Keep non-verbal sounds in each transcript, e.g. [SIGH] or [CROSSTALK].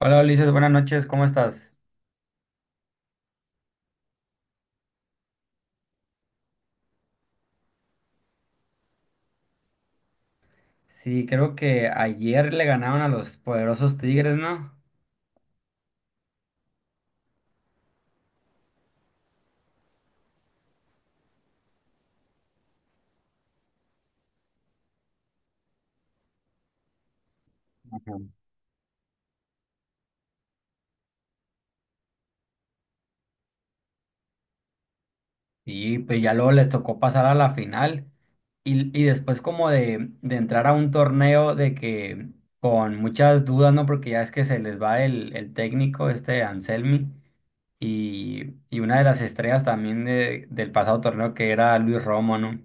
Hola Ulises, buenas noches, ¿cómo estás? Sí, creo que ayer le ganaron a los poderosos Tigres, ¿no? Ajá. Y pues ya luego les tocó pasar a la final y después como de entrar a un torneo de que con muchas dudas, ¿no? Porque ya es que se les va el técnico, este Anselmi, y una de las estrellas también del pasado torneo que era Luis Romo, ¿no?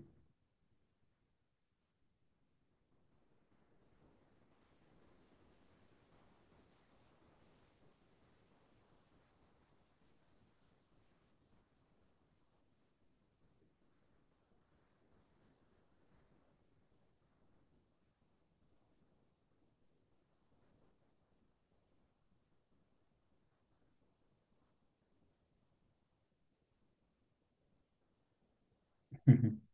[LAUGHS]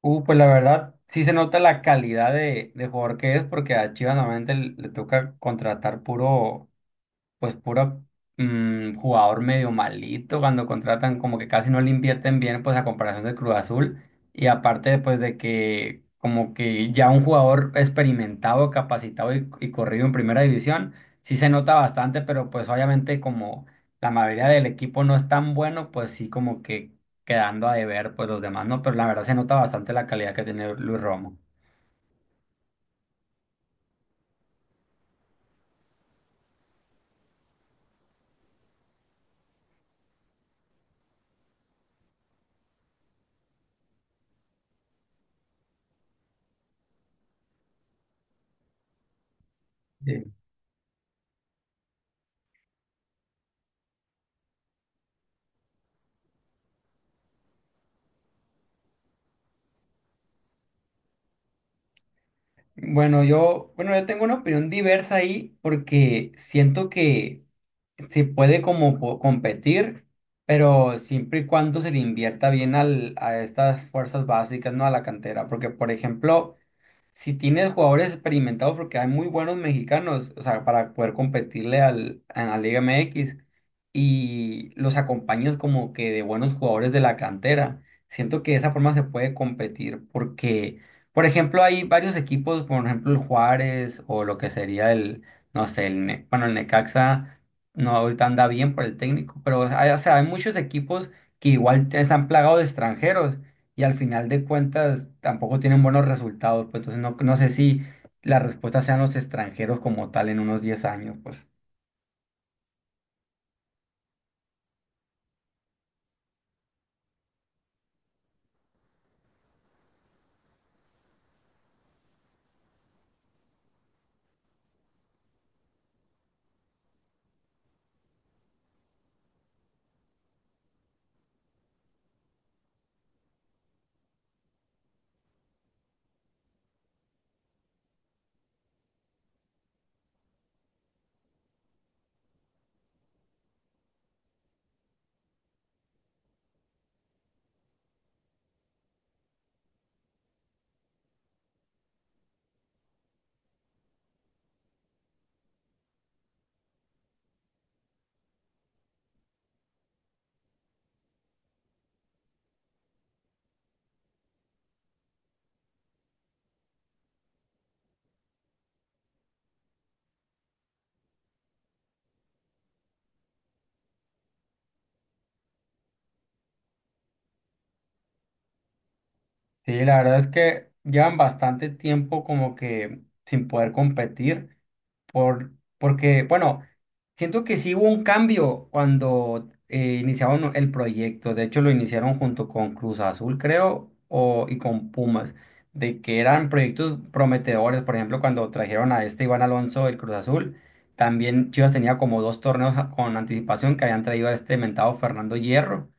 Pues la verdad, sí se nota la calidad de jugador que es, porque a Chivas normalmente le toca contratar puro, pues puro, jugador medio malito cuando contratan, como que casi no le invierten bien, pues a comparación de Cruz Azul. Y aparte, pues de que como que ya un jugador experimentado, capacitado y corrido en primera división, sí se nota bastante, pero pues obviamente como la mayoría del equipo no es tan bueno, pues sí como que quedando a deber, pues los demás no, pero la verdad se nota bastante la calidad que tiene Luis Romo. Sí. Bueno, yo, bueno, yo tengo una opinión diversa ahí porque siento que sí puede como competir, pero siempre y cuando se le invierta bien a estas fuerzas básicas, ¿no? A la cantera. Porque, por ejemplo, si tienes jugadores experimentados, porque hay muy buenos mexicanos, o sea, para poder competirle a la Liga MX y los acompañas como que de buenos jugadores de la cantera, siento que de esa forma se puede competir porque, por ejemplo, hay varios equipos, por ejemplo, el Juárez o lo que sería el, no sé, el, bueno, el Necaxa, no, ahorita anda bien por el técnico, pero hay, o sea, hay muchos equipos que igual están plagados de extranjeros y al final de cuentas tampoco tienen buenos resultados, pues entonces no sé si la respuesta sean los extranjeros como tal en unos 10 años, pues. Sí, la verdad es que llevan bastante tiempo como que sin poder competir Por, porque, bueno, siento que sí hubo un cambio cuando iniciaron el proyecto. De hecho, lo iniciaron junto con Cruz Azul, creo, o, y con Pumas, de que eran proyectos prometedores. Por ejemplo, cuando trajeron a este Iván Alonso del Cruz Azul, también Chivas tenía como dos torneos con anticipación que habían traído a este mentado Fernando Hierro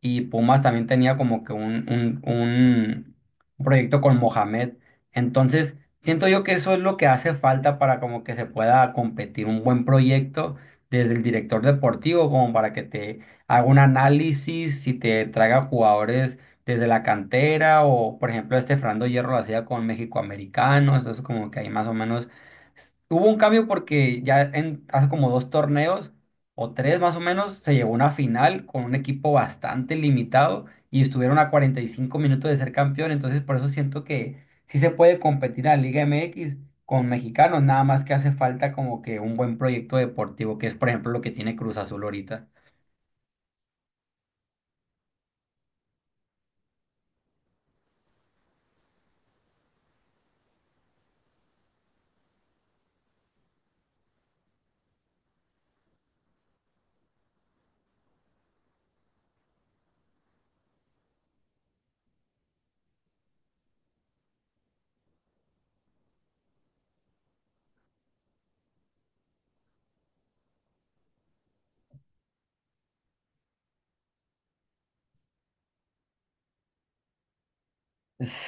y Pumas también tenía como que un proyecto con Mohamed. Entonces, siento yo que eso es lo que hace falta para como que se pueda competir un buen proyecto desde el director deportivo, como para que te haga un análisis y te traiga jugadores desde la cantera o, por ejemplo, este Fernando Hierro lo hacía con México Americano, entonces como que ahí más o menos hubo un cambio porque ya en, hace como dos torneos o tres más o menos, se llegó a una final con un equipo bastante limitado y estuvieron a 45 minutos de ser campeón. Entonces, por eso siento que sí se puede competir en la Liga MX con mexicanos, nada más que hace falta como que un buen proyecto deportivo, que es por ejemplo lo que tiene Cruz Azul ahorita.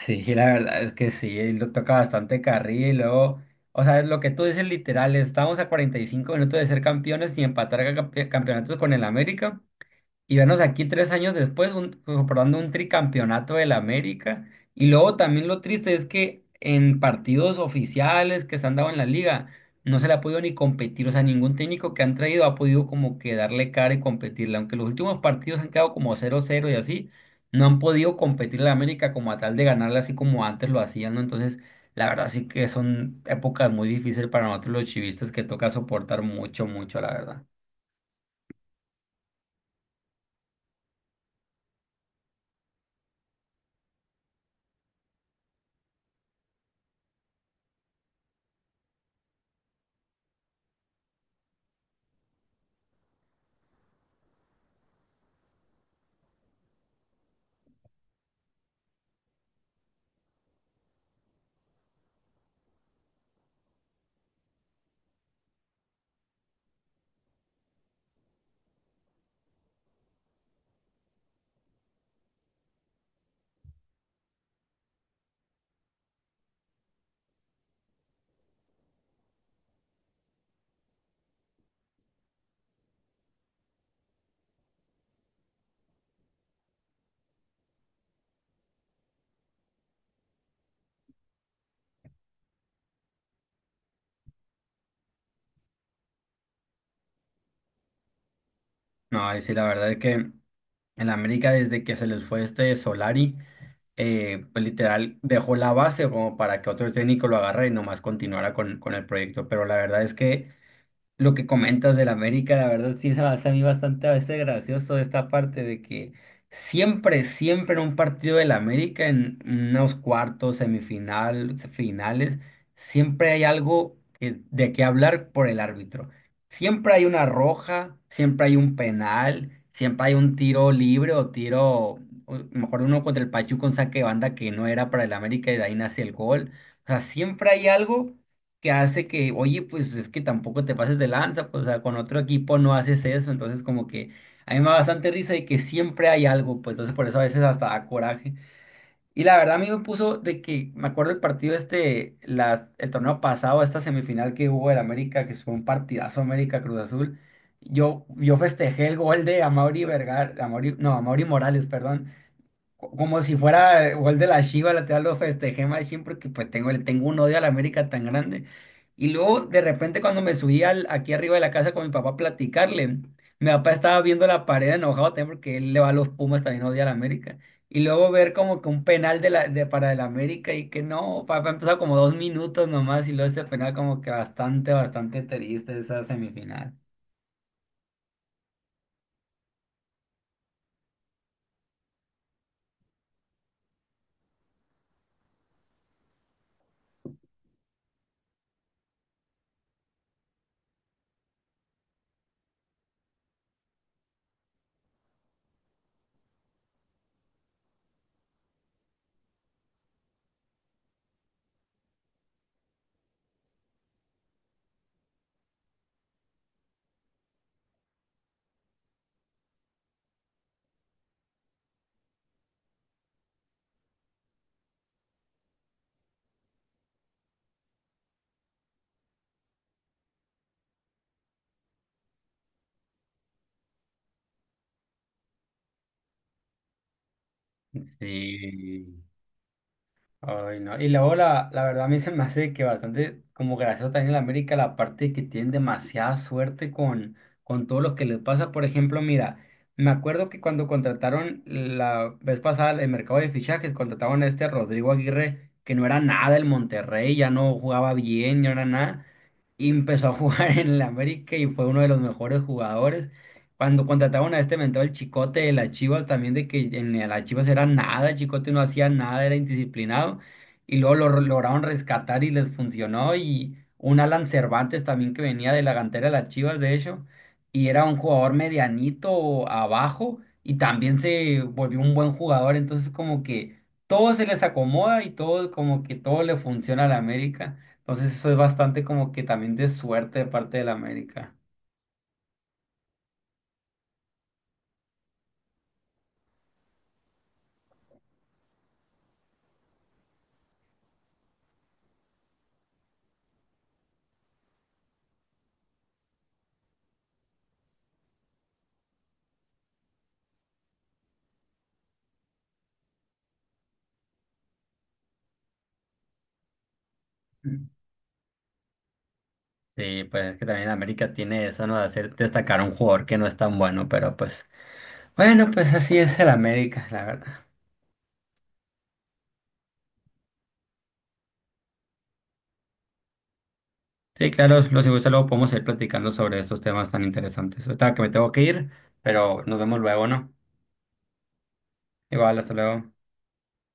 Sí, la verdad es que sí, lo toca bastante carril y luego, o sea, lo que tú dices literal, estamos a 45 minutos de ser campeones y empatar campeonatos con el América, y vernos aquí 3 años después un, comprobando un tricampeonato del América. Y luego también lo triste es que en partidos oficiales que se han dado en la liga, no se le ha podido ni competir, o sea, ningún técnico que han traído ha podido como que darle cara y competirle, aunque los últimos partidos han quedado como 0-0 y así, no han podido competir la América como a tal de ganarle así como antes lo hacían, ¿no? Entonces, la verdad sí que son épocas muy difíciles para nosotros los chivistas que toca soportar mucho, mucho, la verdad. No, y sí, la verdad es que... En la América, desde que se les fue este Solari, pues literal dejó la base como para que otro técnico lo agarre y nomás continuara con el proyecto. Pero la verdad es que lo que comentas del América, la verdad sí se me hace a mí bastante a veces gracioso esta parte de que siempre, siempre en un partido del América, en unos cuartos, semifinal, finales, siempre hay algo de qué hablar por el árbitro. Siempre hay una roja, siempre hay un penal, siempre hay un tiro libre o tiro, me acuerdo uno contra el Pachuca, un saque de banda que no era para el América y de ahí nace el gol. O sea, siempre hay algo que hace que, oye, pues es que tampoco te pases de lanza, pues o sea, con otro equipo no haces eso, entonces como que a mí me da bastante risa y que siempre hay algo, pues entonces por eso a veces hasta da coraje. Y la verdad a mí me puso de que, me acuerdo el partido este, el torneo pasado, esta semifinal que hubo del América, que fue un partidazo América Cruz Azul, yo festejé el gol de Amauri Vergara, Amauri, no, Amauri Morales, perdón, como si fuera gol de la Chiva, lateral lo festejé más siempre porque pues le tengo un odio a la América tan grande. Y luego de repente cuando me subí aquí arriba de la casa con mi papá a platicarle, mi papá estaba viendo la pared enojado también porque él le va a los Pumas, también odia a la América. Y luego ver como que un penal para el América y que no, papá empezó como 2 minutos nomás y luego ese penal como que bastante, bastante triste esa semifinal. Sí. Ay, no. Y luego la verdad a mí se me hace que bastante como gracioso también en América la parte que tienen demasiada suerte con todo lo que les pasa. Por ejemplo, mira, me acuerdo que cuando contrataron la vez pasada el mercado de fichajes, contrataron a este Rodrigo Aguirre, que no era nada el Monterrey, ya no jugaba bien, no era nada, y empezó a [LAUGHS] jugar en el América y fue uno de los mejores jugadores. Cuando contrataron a este mentor, el Chicote de las Chivas, también de que en las Chivas era nada, el Chicote no hacía nada, era indisciplinado, y luego lo lograron rescatar y les funcionó, y un Alan Cervantes también que venía de la cantera de las Chivas, de hecho, y era un jugador medianito abajo, y también se volvió un buen jugador, entonces como que todo se les acomoda y todo como que todo le funciona a la América, entonces eso es bastante como que también de suerte de parte de la América. Sí, pues es que también América tiene eso, ¿no? De hacer destacar a un jugador que no es tan bueno, pero pues, bueno, pues así es el América, la verdad. Sí, claro, los si gusta luego podemos ir platicando sobre estos temas tan interesantes. Ahorita que me tengo que ir, pero nos vemos luego, ¿no? Igual, hasta luego.